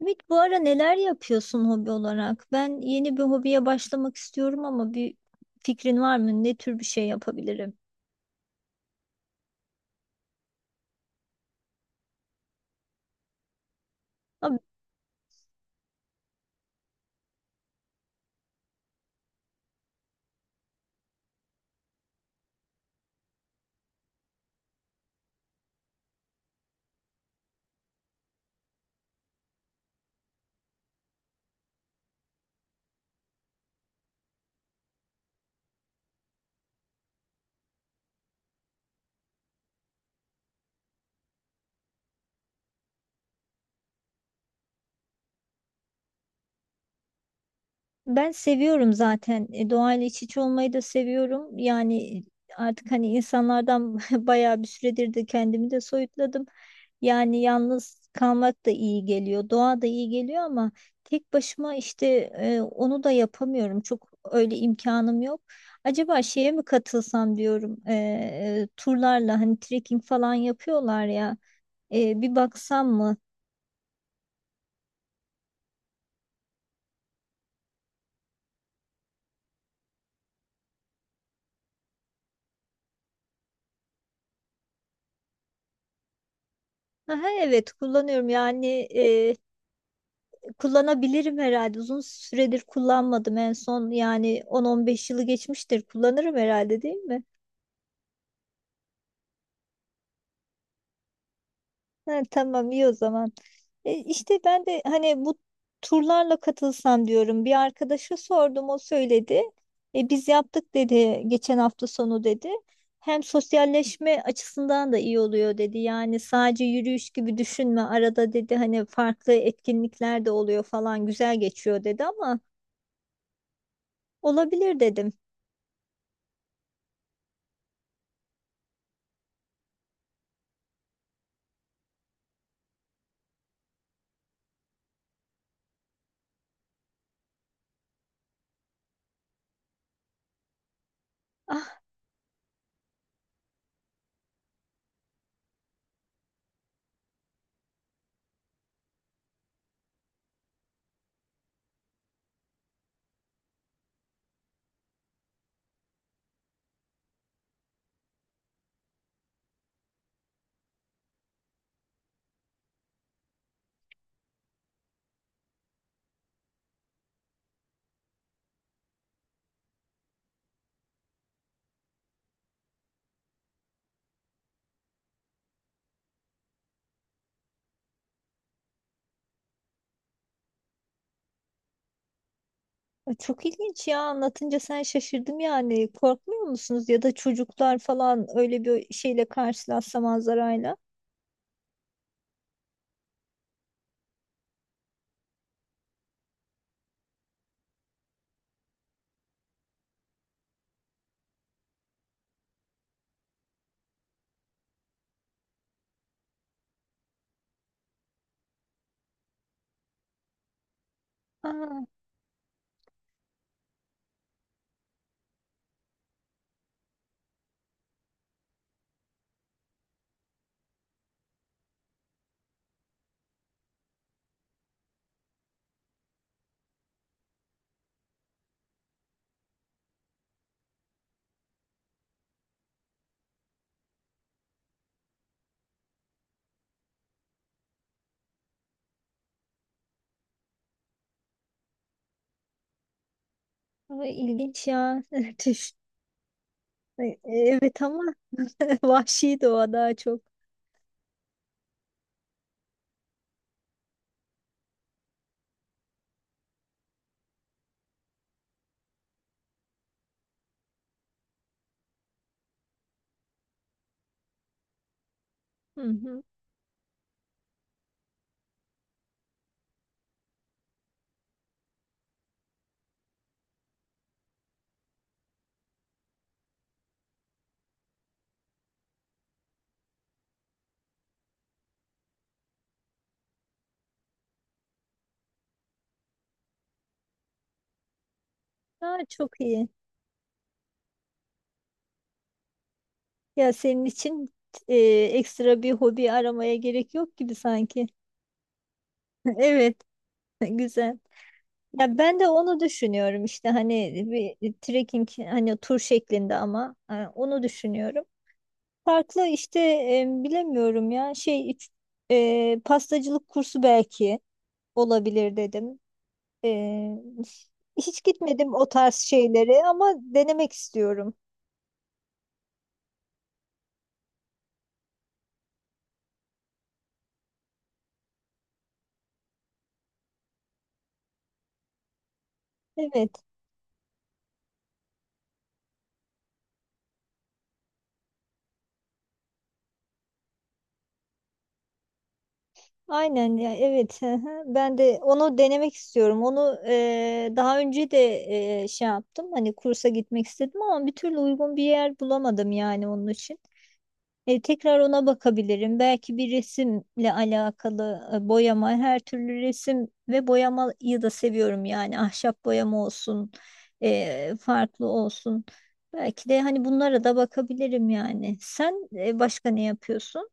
Ümit, bu ara neler yapıyorsun hobi olarak? Ben yeni bir hobiye başlamak istiyorum ama bir fikrin var mı? Ne tür bir şey yapabilirim? Ama ben seviyorum zaten. Doğayla iç içe olmayı da seviyorum. Yani artık hani insanlardan bayağı bir süredir de kendimi de soyutladım. Yani yalnız kalmak da iyi geliyor, doğa da iyi geliyor ama tek başıma işte onu da yapamıyorum. Çok öyle imkanım yok. Acaba şeye mi katılsam diyorum, turlarla hani trekking falan yapıyorlar ya, bir baksam mı? Aha, evet kullanıyorum yani e, kullanabilirim herhalde. Uzun süredir kullanmadım en son yani 10-15 yılı geçmiştir. Kullanırım herhalde, değil mi? Ha, tamam iyi o zaman. İşte ben de hani bu turlarla katılsam diyorum. Bir arkadaşa sordum, o söyledi. Biz yaptık dedi, geçen hafta sonu dedi. Hem sosyalleşme açısından da iyi oluyor dedi. Yani sadece yürüyüş gibi düşünme arada dedi, hani farklı etkinlikler de oluyor falan, güzel geçiyor dedi ama olabilir dedim. Ah, çok ilginç ya, anlatınca sen şaşırdım yani. Korkmuyor musunuz ya da çocuklar falan öyle bir şeyle karşılaşsa, manzarayla? Aa, bu ilginç ya. Tüh. Evet ama vahşi doğa daha çok. Hı hı. Daha çok iyi. Ya senin için e, ekstra bir hobi aramaya gerek yok gibi sanki. Evet, güzel. Ya ben de onu düşünüyorum işte hani bir trekking hani tur şeklinde ama onu düşünüyorum. Farklı işte e, bilemiyorum ya şey iç- e, pastacılık kursu belki olabilir dedim. Ee, hiç gitmedim o tarz şeylere ama denemek istiyorum. Evet, aynen ya, evet. Hı hı. Ben de onu denemek istiyorum. Onu daha önce de şey yaptım. Hani kursa gitmek istedim ama bir türlü uygun bir yer bulamadım yani onun için. Tekrar ona bakabilirim. Belki bir resimle alakalı boyama, her türlü resim ve boyamayı da seviyorum yani, ahşap boyama olsun, farklı olsun. Belki de hani bunlara da bakabilirim yani. Sen başka ne yapıyorsun?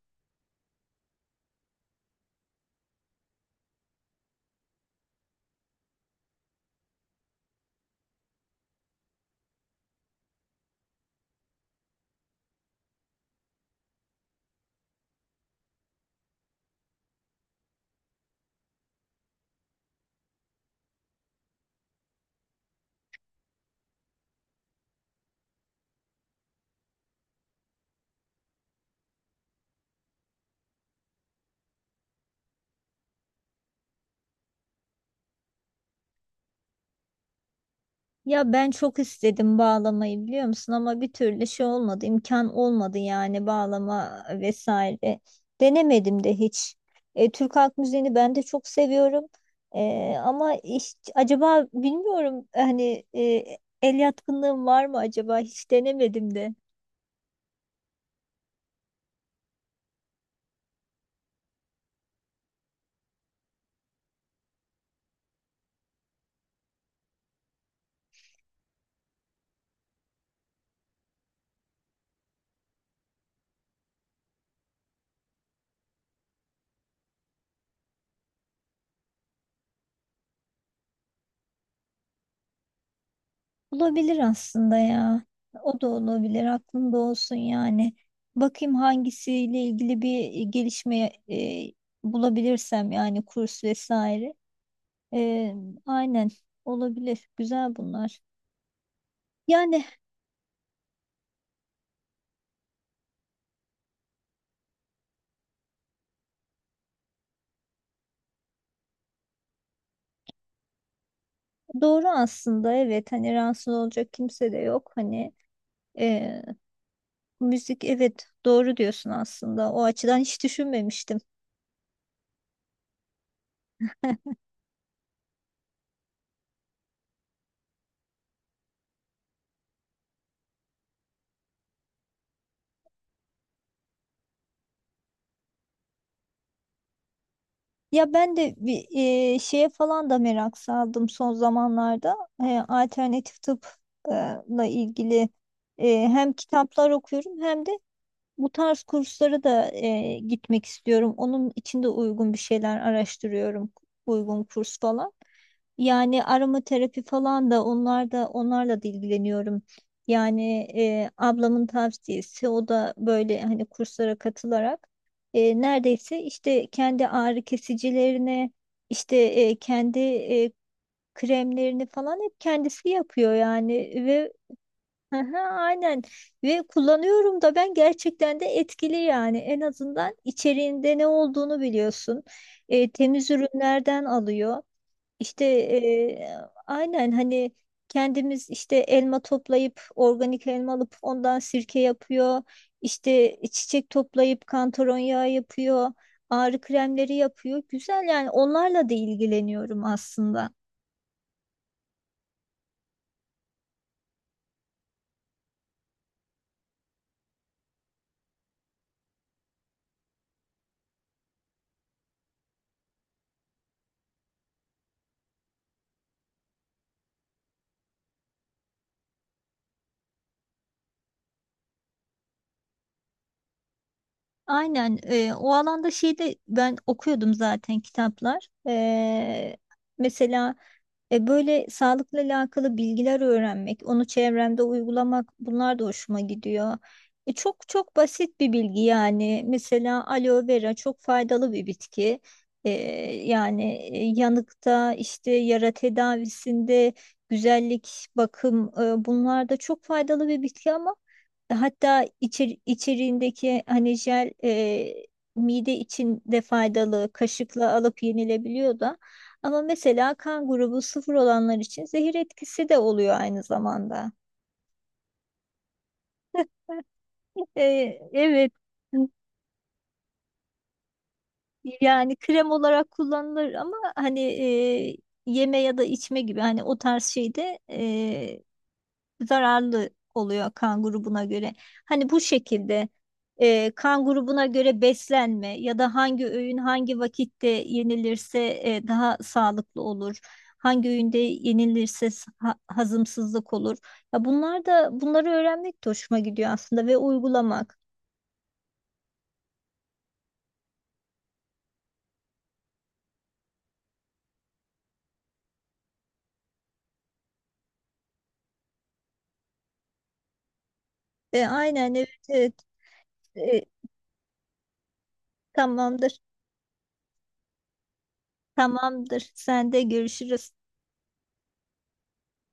Ya ben çok istedim bağlamayı, biliyor musun, ama bir türlü şey olmadı, imkan olmadı yani bağlama vesaire. Denemedim de hiç. E, Türk Halk Müziği'ni ben de çok seviyorum. E, ama hiç, acaba bilmiyorum hani el yatkınlığım var mı acaba, hiç denemedim de. Olabilir aslında ya. O da olabilir, aklımda olsun yani. Bakayım hangisiyle ilgili bir gelişme bulabilirsem yani, kurs vesaire. Ee, aynen, olabilir. Güzel bunlar. Yani doğru aslında, evet, hani rahatsız olacak kimse de yok. Hani e, müzik, evet, doğru diyorsun aslında. O açıdan hiç düşünmemiştim. Ya ben de bir şeye falan da merak saldım son zamanlarda. Alternatif tıpla ilgili hem kitaplar okuyorum hem de bu tarz kurslara da gitmek istiyorum. Onun için de uygun bir şeyler araştırıyorum. Uygun kurs falan. Yani aromaterapi falan da, onlar da, onlarla da ilgileniyorum. Yani ablamın tavsiyesi, o da böyle hani kurslara katılarak neredeyse işte kendi ağrı kesicilerini işte kremlerini falan hep kendisi yapıyor yani, ve Aha, aynen, ve kullanıyorum da, ben gerçekten de etkili yani, en azından içeriğinde ne olduğunu biliyorsun. E, temiz ürünlerden alıyor işte aynen, hani kendimiz işte elma toplayıp, organik elma alıp ondan sirke yapıyor, işte çiçek toplayıp kantaron yağı yapıyor, ağrı kremleri yapıyor, güzel yani, onlarla da ilgileniyorum aslında. Aynen, o alanda şeyde ben okuyordum zaten kitaplar. Mesela böyle sağlıkla alakalı bilgiler öğrenmek, onu çevremde uygulamak, bunlar da hoşuma gidiyor. Çok çok basit bir bilgi yani. Mesela aloe vera çok faydalı bir bitki. E, yanıkta, işte yara tedavisinde, güzellik, bakım, bunlar da çok faydalı bir bitki ama hatta içeriğindeki hani jel, mide için de faydalı, kaşıkla alıp yenilebiliyor da. Ama mesela kan grubu sıfır olanlar için zehir etkisi de oluyor aynı zamanda. E, evet yani krem olarak kullanılır ama hani yeme ya da içme gibi, hani o tarz şeyde zararlı oluyor kan grubuna göre. Hani bu şekilde kan grubuna göre beslenme ya da hangi öğün hangi vakitte yenilirse daha sağlıklı olur. Hangi öğünde yenilirse hazımsızlık olur. Ya bunlar da, bunları öğrenmek de hoşuma gidiyor aslında, ve uygulamak. Aynen, evet, evet. E, tamamdır. Tamamdır. Sen de, görüşürüz.